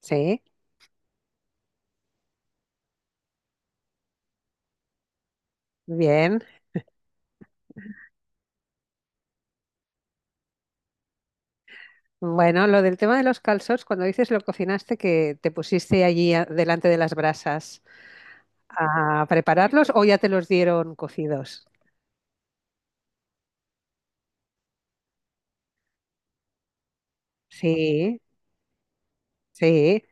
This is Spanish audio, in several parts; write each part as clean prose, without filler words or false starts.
Sí, bien. Bueno, lo del tema de los calzots, cuando dices lo cocinaste, que te pusiste allí delante de las brasas a prepararlos o ya te los dieron cocidos. Sí, sí,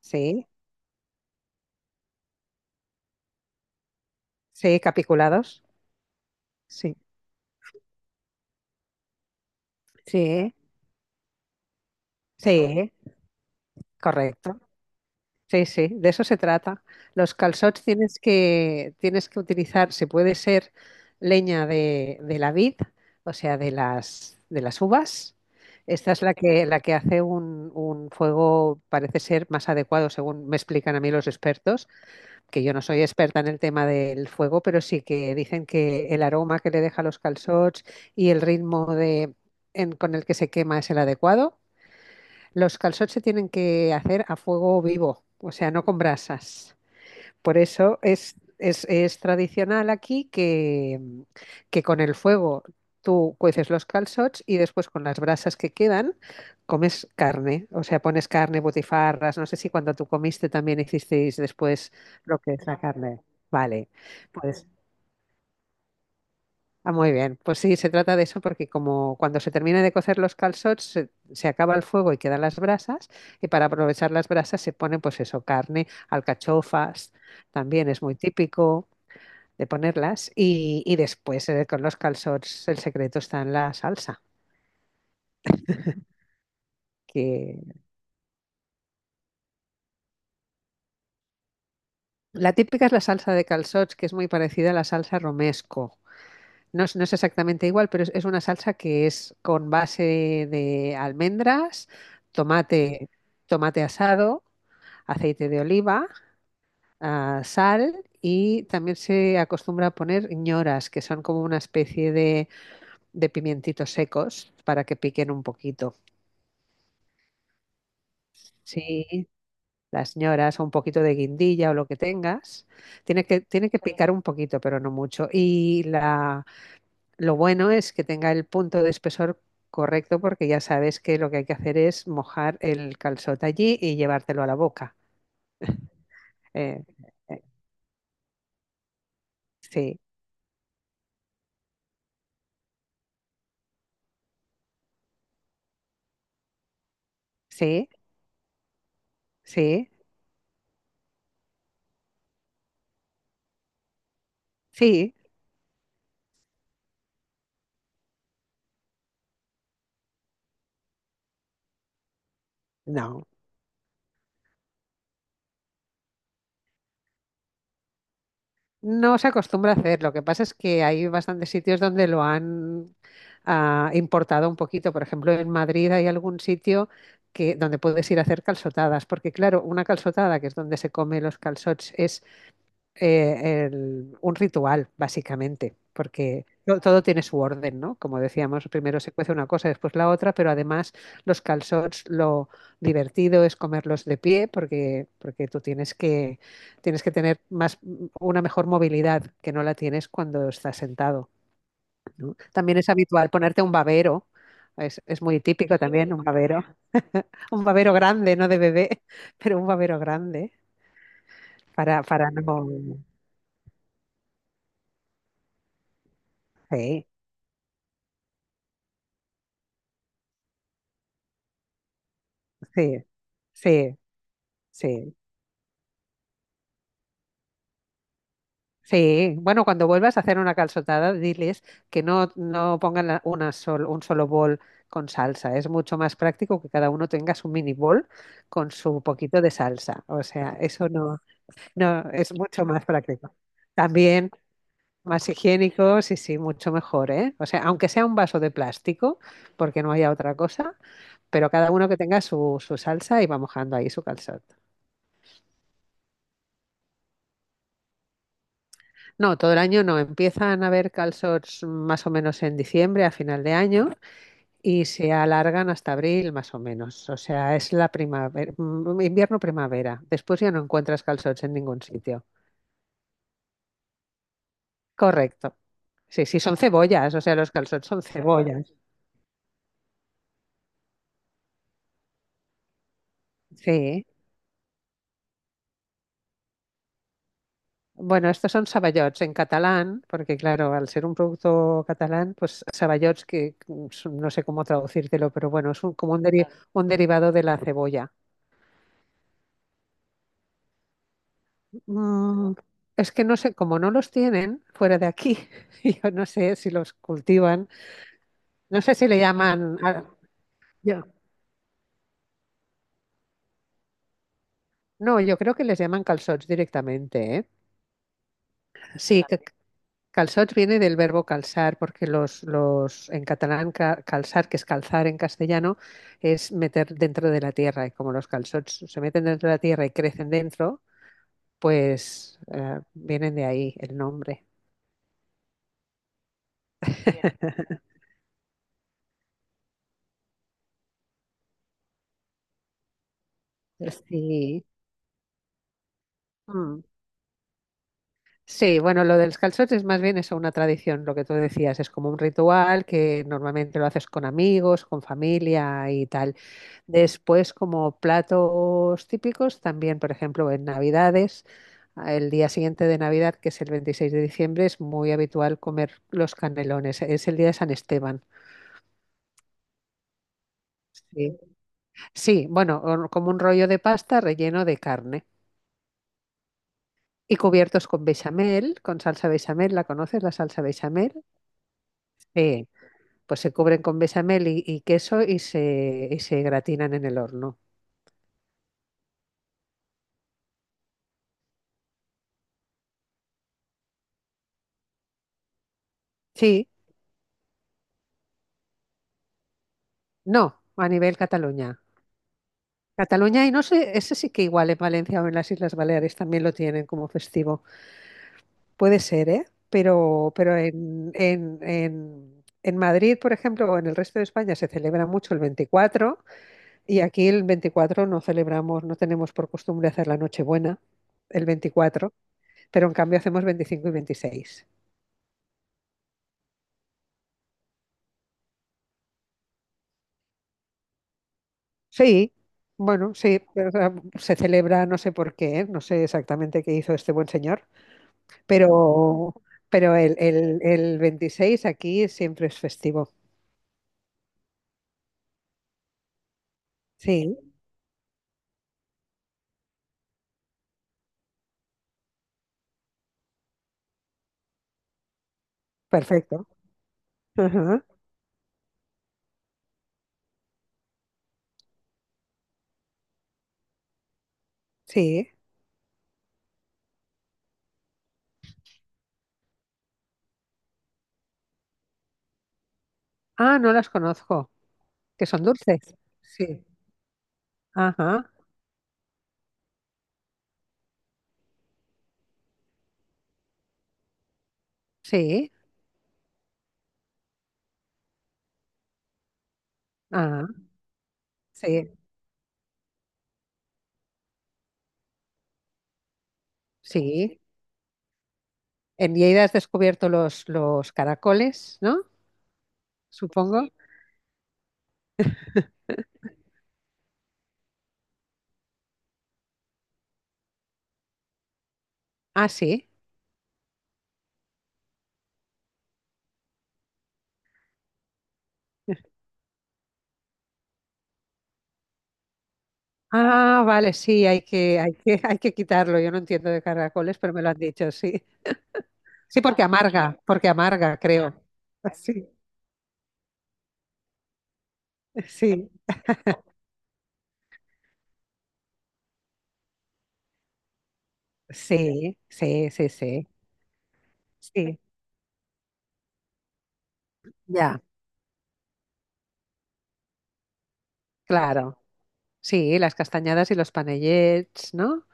sí, sí, capiculados. Sí, sí, sí, correcto. Sí, sí, de eso se trata. Los calçots tienes que utilizar, se puede ser leña de la vid, o sea, de las uvas. Esta es la que hace un fuego, parece ser más adecuado, según me explican a mí los expertos, que yo no soy experta en el tema del fuego, pero sí que dicen que el aroma que le deja a los calçots y el ritmo de, con el que se quema es el adecuado. Los calzots se tienen que hacer a fuego vivo, o sea, no con brasas. Por eso es tradicional aquí que, que con el fuego tú cueces los calzots y después con las brasas que quedan comes carne. O sea, pones carne, butifarras. No sé si cuando tú comiste también hicisteis después lo que es la carne. Vale, pues. Ah, muy bien. Pues sí, se trata de eso porque como cuando se termina de cocer los calzots se acaba el fuego y quedan las brasas y para aprovechar las brasas se pone pues eso, carne, alcachofas, también es muy típico de ponerlas y después con los calzots el secreto está en la salsa, que la típica es la salsa de calzots que es muy parecida a la salsa romesco. No es exactamente igual, pero es una salsa que es con base de almendras, tomate, tomate asado, aceite de oliva, sal y también se acostumbra a poner ñoras, que son como una especie de pimientitos secos para que piquen un poquito. Sí, las ñoras o un poquito de guindilla o lo que tengas. Tiene que picar un poquito, pero no mucho. Y la, lo bueno es que tenga el punto de espesor correcto porque ya sabes que lo que hay que hacer es mojar el calzot allí y llevártelo a la boca. Eh, eh, sí, sí, sí, sí. No, no se acostumbra a hacer. Lo que pasa es que hay bastantes sitios donde lo han importado un poquito. Por ejemplo, en Madrid hay algún sitio donde puedes ir a hacer calzotadas, porque claro, una calzotada, que es donde se come los calzots, es un ritual, básicamente, porque todo tiene su orden, ¿no? Como decíamos, primero se cuece una cosa, después la otra, pero además los calzots, lo divertido es comerlos de pie, porque tú tienes que tener más, una mejor movilidad que no la tienes cuando estás sentado, ¿no? También es habitual ponerte un babero. Es muy típico también un babero grande, no de bebé, pero un babero grande para no... sí. Sí, sí, sí, sí. Bueno, cuando vuelvas a hacer una calzotada, diles que no pongan un solo bol con salsa. Es mucho más práctico que cada uno tenga su mini bol con su poquito de salsa. O sea, eso no, no es mucho más práctico. También más higiénico, sí, sí, mucho mejor, ¿eh? O sea, aunque sea un vaso de plástico, porque no haya otra cosa, pero cada uno que tenga su, su salsa y va mojando ahí su calzón. No, todo el año no. Empiezan a haber calzots más o menos en diciembre, a final de año, y se alargan hasta abril más o menos. O sea, es la primavera, invierno-primavera. Después ya no encuentras calzots en ningún sitio. Correcto. Sí, sí, son cebollas, o sea, los calzots son cebollas. Sí. Bueno, estos son saballots en catalán, porque claro, al ser un producto catalán, pues saballots que son- no sé cómo traducírtelo, pero bueno, es un derivado de la cebolla. Mm, es que no sé, como no los tienen fuera de aquí, yo no sé si los cultivan, no sé si le llaman, yo- no, yo creo que les llaman calçots directamente, ¿eh? Sí, calzots viene del verbo calzar, porque los en catalán calzar, que es calzar en castellano, es meter dentro de la tierra, y como los calçots se meten dentro de la tierra y crecen dentro, pues vienen de ahí el nombre. Sí. Mm. Sí, bueno, lo de los calzots más bien eso, una tradición, lo que tú decías, es como un ritual que normalmente lo haces con amigos, con familia y tal. Después, como platos típicos, también, por ejemplo, en Navidades, el día siguiente de Navidad, que es el 26 de diciembre, es muy habitual comer los canelones, es el día de San Esteban. Sí, sí, bueno, como un rollo de pasta relleno de carne y cubiertos con bechamel, con salsa bechamel, ¿la conoces, la salsa bechamel? Sí, pues se cubren con bechamel y queso y y se gratinan en el horno. Sí, no, a nivel Cataluña. Cataluña, y no sé, ese sí que igual en Valencia o en las Islas Baleares también lo tienen como festivo. Puede ser, ¿eh? Pero en Madrid, por ejemplo, o en el resto de España se celebra mucho el 24 y aquí el 24 no celebramos, no tenemos por costumbre hacer la Nochebuena el 24, pero en cambio hacemos 25 y 26. Sí, bueno, sí, pero, o sea, se celebra, no sé por qué, ¿eh? No sé exactamente qué hizo este buen señor, pero, pero el veintiséis aquí siempre es festivo. Sí, perfecto. Ajá, sí. Ah, no las conozco, que son dulces. Sí, ajá, sí, ah, sí, sí. En Lleida has descubierto los caracoles, ¿no? Supongo. Ah, sí. Ah, vale, sí, hay que, hay que quitarlo. Yo no entiendo de caracoles, pero me lo han dicho, sí. Sí, porque amarga, creo. Sí, sí, sí, sí, sí, sí. Sí, ya, claro. Sí, las castañadas y los panellets, ¿no?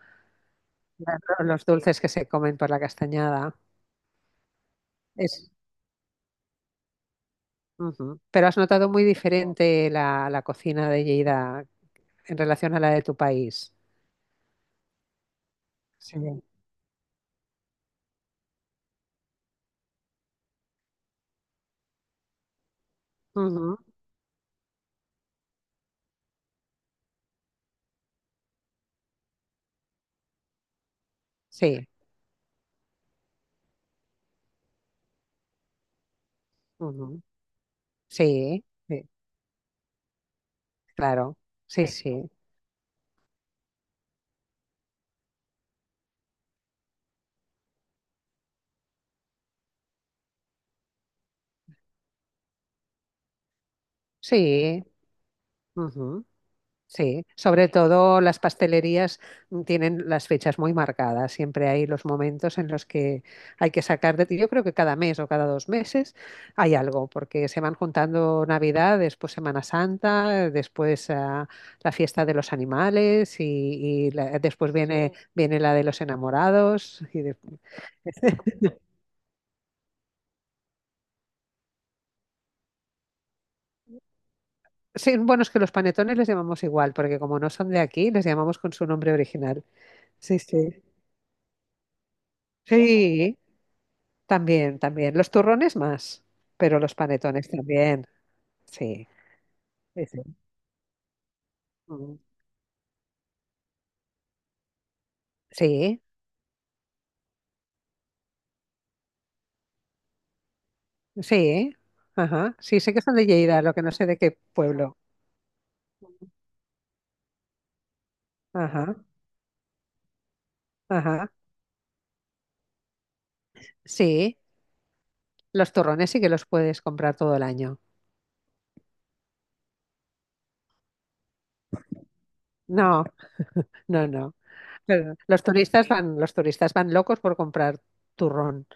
Los dulces que se comen por la castañada. Es, ujú. Pero has notado muy diferente la, la cocina de Lleida en relación a la de tu país. Sí. Ujú, sí. Ujú, sí. Sí. Claro, sí. Sí, sí, sí, ujú, sí. Sobre todo las pastelerías tienen las fechas muy marcadas. Siempre hay los momentos en los que hay que sacar de... Yo creo que cada mes o cada dos meses hay algo, porque se van juntando Navidad, después Semana Santa, después la fiesta de los animales y, después viene, sí, viene la de los enamorados. Sí, bueno, es que los panetones les llamamos igual, porque como no son de aquí, les llamamos con su nombre original. Sí, sí. Sí, también, también. Los turrones más, pero los panetones también. Sí, sí, sí. Mm. Sí, sí. Ajá. Sí, sé que son de Lleida, lo que no sé de qué pueblo. Ajá, ajá. Sí, los turrones sí que los puedes comprar todo el año. No, no, no. Pero los turistas van locos por comprar turrón.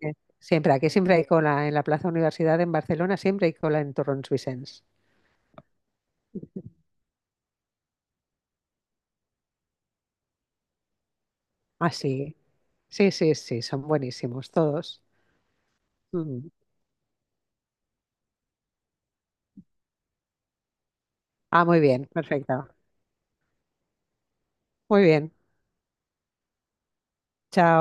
Eh, Siempre, aquí siempre hay cola. En la Plaza Universidad en Barcelona siempre hay cola en turrons Vicens. Ah, sí. Sí, sí, sí, son buenísimos todos. Mm. Ah, muy bien, perfecto. Muy bien. Chao.